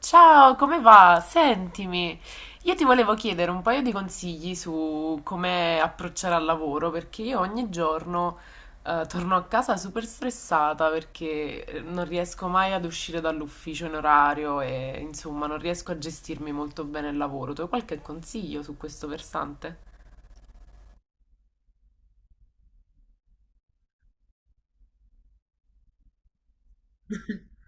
Ciao, come va? Sentimi, io ti volevo chiedere un paio di consigli su come approcciare al lavoro, perché io ogni giorno torno a casa super stressata perché non riesco mai ad uscire dall'ufficio in orario e insomma non riesco a gestirmi molto bene il lavoro. Tu hai qualche consiglio su questo versante?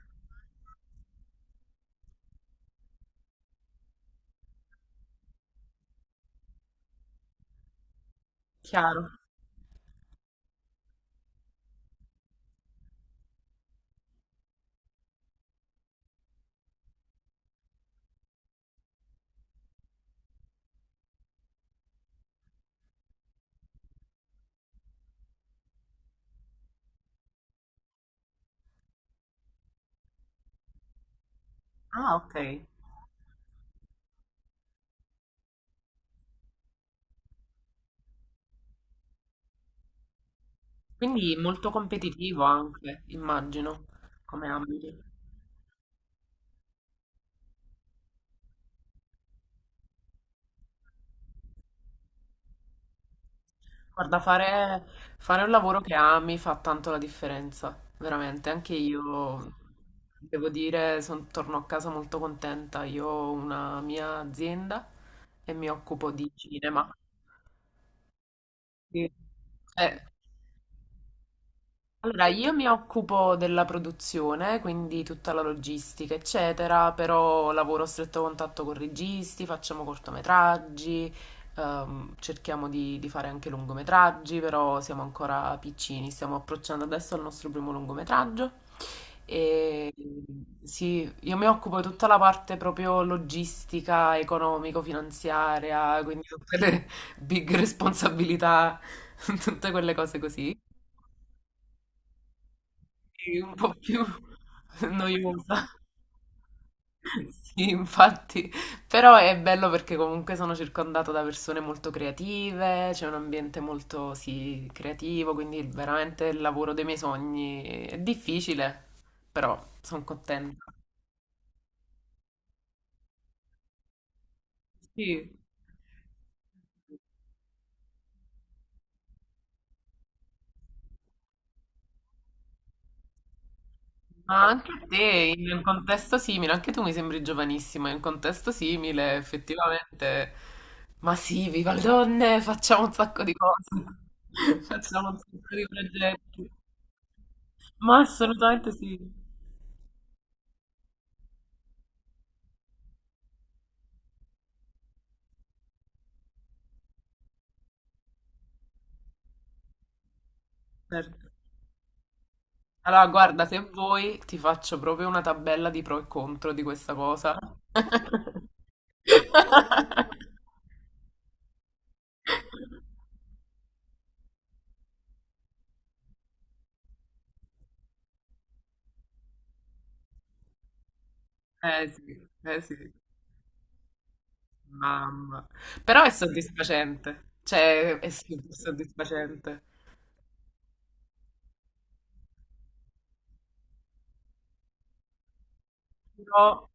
Chiaro. Ah, ok. Quindi molto competitivo anche, immagino, come ambito. Guarda, fare un lavoro che ami fa tanto la differenza, veramente. Anche io, devo dire, torno a casa molto contenta. Io ho una mia azienda e mi occupo di cinema. Sì. Eh, Allora, io mi occupo della produzione, quindi tutta la logistica, eccetera, però lavoro a stretto contatto con registi, facciamo cortometraggi, cerchiamo di fare anche lungometraggi, però siamo ancora piccini, stiamo approcciando adesso al nostro primo lungometraggio e sì, io mi occupo di tutta la parte proprio logistica, economico-finanziaria, quindi tutte le big responsabilità, tutte quelle cose così. Sì, un po' più noiosa. Sì, infatti, però è bello perché comunque sono circondata da persone molto creative, c'è un ambiente molto, sì, creativo, quindi veramente il lavoro dei miei sogni è difficile, però sono contenta. Sì. Ma anche te, in un contesto simile, anche tu mi sembri giovanissima, in un contesto simile, effettivamente. Ma sì, viva le donne, facciamo un sacco di cose, facciamo un sacco di progetti. Ma assolutamente sì, certo. Allora, guarda, se vuoi ti faccio proprio una tabella di pro e contro di questa cosa. Sì, eh sì, mamma. Però è soddisfacente, cioè è super soddisfacente. giuro,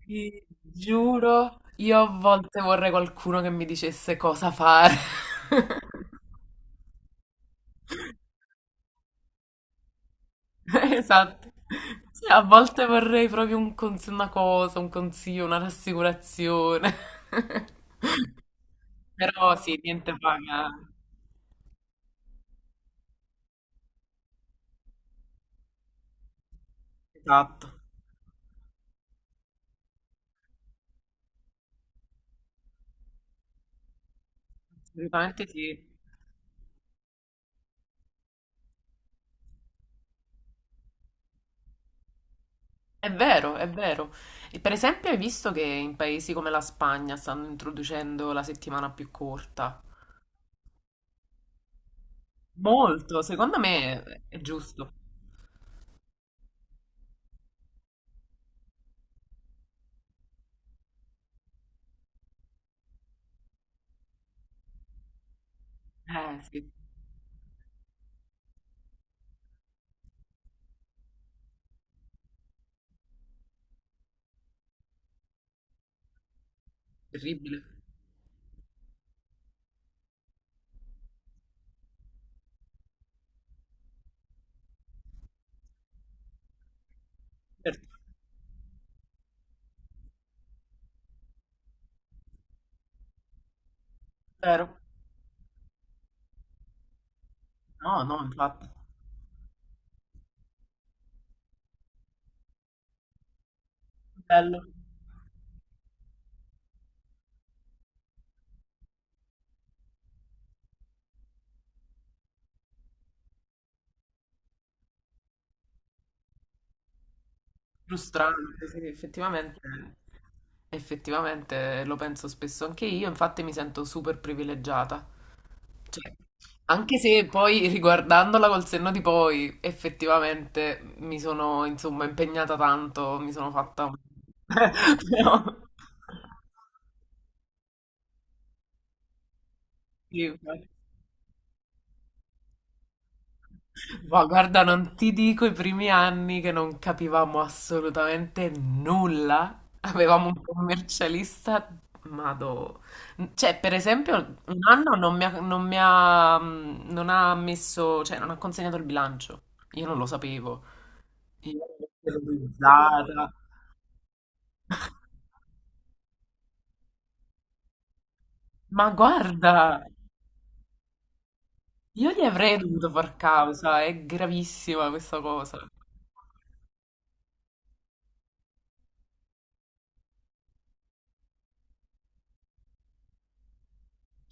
Ti giuro, io a volte vorrei qualcuno che mi dicesse cosa fare. Esatto. Sì, a volte vorrei proprio una cosa, un consiglio, una rassicurazione. Però sì, niente paga. Esatto. Assolutamente sì. È vero, è vero. E per esempio, hai visto che in paesi come la Spagna stanno introducendo la settimana più corta? Molto, secondo me è giusto. Eh sì, terribile. Tutto, vero? No, no, infatti. Bello, frustrante, sì, effettivamente. Effettivamente lo penso spesso anche io, infatti mi sento super privilegiata. Cioè, anche se poi riguardandola col senno di poi, effettivamente mi sono insomma impegnata tanto, mi sono fatta un... Però, sì, ma guarda, non ti dico i primi anni che non capivamo assolutamente nulla. Avevamo un commercialista, mado. Cioè, per esempio, un anno non mi ha, non ha messo, cioè, non ha consegnato il bilancio. Io non lo sapevo. Io l'ho terrorizzata. Ma guarda, io gli avrei dovuto far causa, è gravissima questa cosa.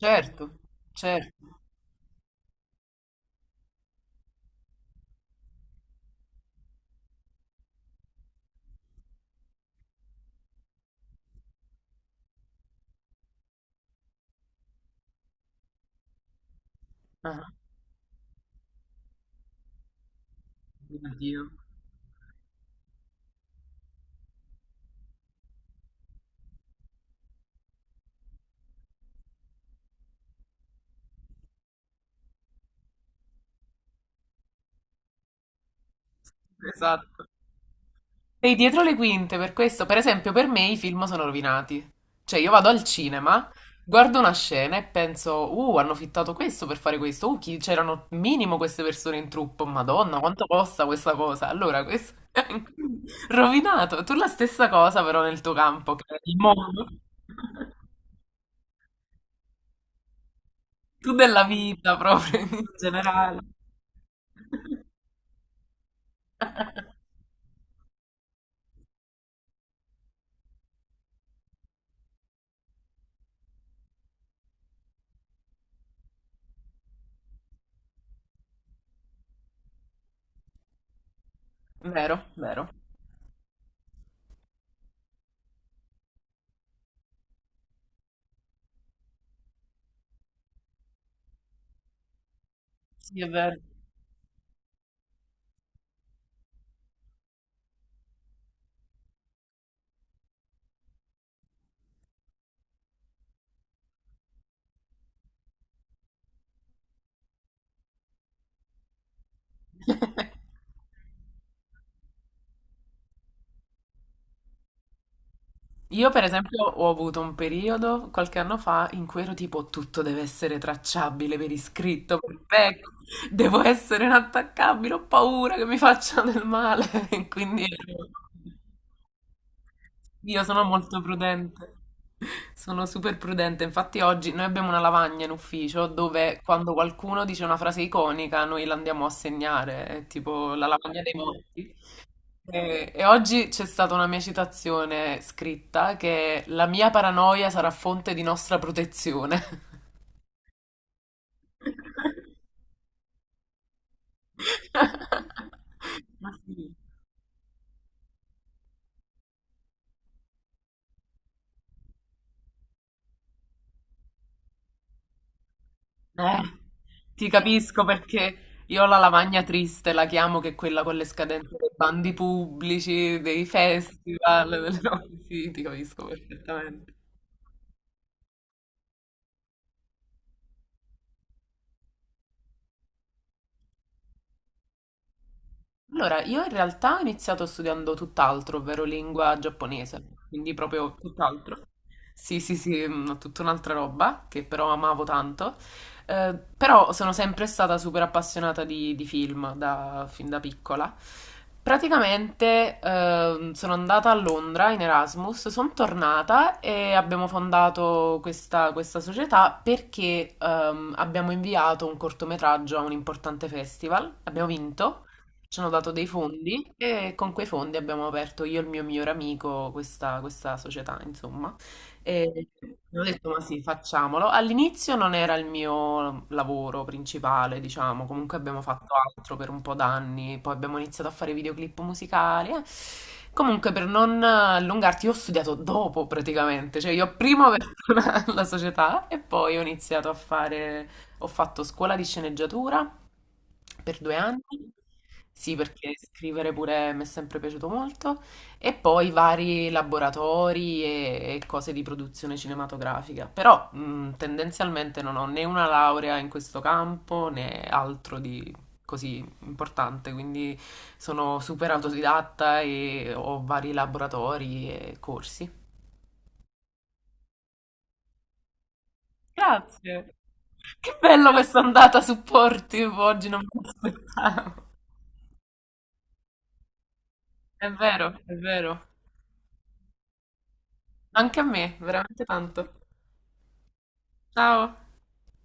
Certo, certo. Ah, mio Dio. Esatto. Sei dietro le quinte per questo. Per esempio, per me i film sono rovinati. Cioè, io vado al cinema, guardo una scena e penso, hanno fittato questo per fare questo. C'erano minimo queste persone in truppo. Madonna, quanto costa questa cosa? Allora, questo è rovinato. Tu la stessa cosa, però, nel tuo campo, che è il mondo. Tu della vita, proprio, in generale. Vero, vero. Sì, è vero. Io per esempio ho avuto un periodo qualche anno fa in cui ero tipo tutto deve essere tracciabile per iscritto, perfetto, devo essere inattaccabile, ho paura che mi facciano del male, quindi io sono molto prudente, sono super prudente, infatti oggi noi abbiamo una lavagna in ufficio dove quando qualcuno dice una frase iconica noi la andiamo a segnare, è tipo la lavagna dei morti. E oggi c'è stata una mia citazione scritta che la mia paranoia sarà fonte di nostra protezione. Ma sì. Eh, ti capisco perché io ho la lavagna triste, la chiamo, che è quella con le scadenze dei bandi pubblici, dei festival, delle robe. Sì, ti capisco perfettamente. Allora, io in realtà ho iniziato studiando tutt'altro, ovvero lingua giapponese, quindi proprio tutt'altro. Sì, sì, sì, tutta un'altra roba che però amavo tanto. Però sono sempre stata super appassionata di film fin da piccola. Praticamente sono andata a Londra in Erasmus, sono tornata e abbiamo fondato questa società perché abbiamo inviato un cortometraggio a un importante festival, abbiamo vinto, ci hanno dato dei fondi e con quei fondi abbiamo aperto io e il mio migliore amico questa società, insomma. E ho detto, ma sì, facciamolo. All'inizio non era il mio lavoro principale, diciamo, comunque abbiamo fatto altro per un po' d'anni, poi abbiamo iniziato a fare videoclip musicali. Eh. Comunque, per non allungarti, io ho studiato dopo praticamente, cioè io prima ho aperto la società e poi ho iniziato a fare, ho fatto scuola di sceneggiatura per 2 anni. Sì, perché scrivere pure mi è sempre piaciuto molto. E poi vari laboratori e cose di produzione cinematografica. Però tendenzialmente non ho né una laurea in questo campo né altro di così importante. Quindi sono super autodidatta e ho vari laboratori e corsi. Grazie. Che bello questa andata supportive oggi, non me l'aspettavo. È vero, è vero. Anche a me, veramente tanto. Ciao.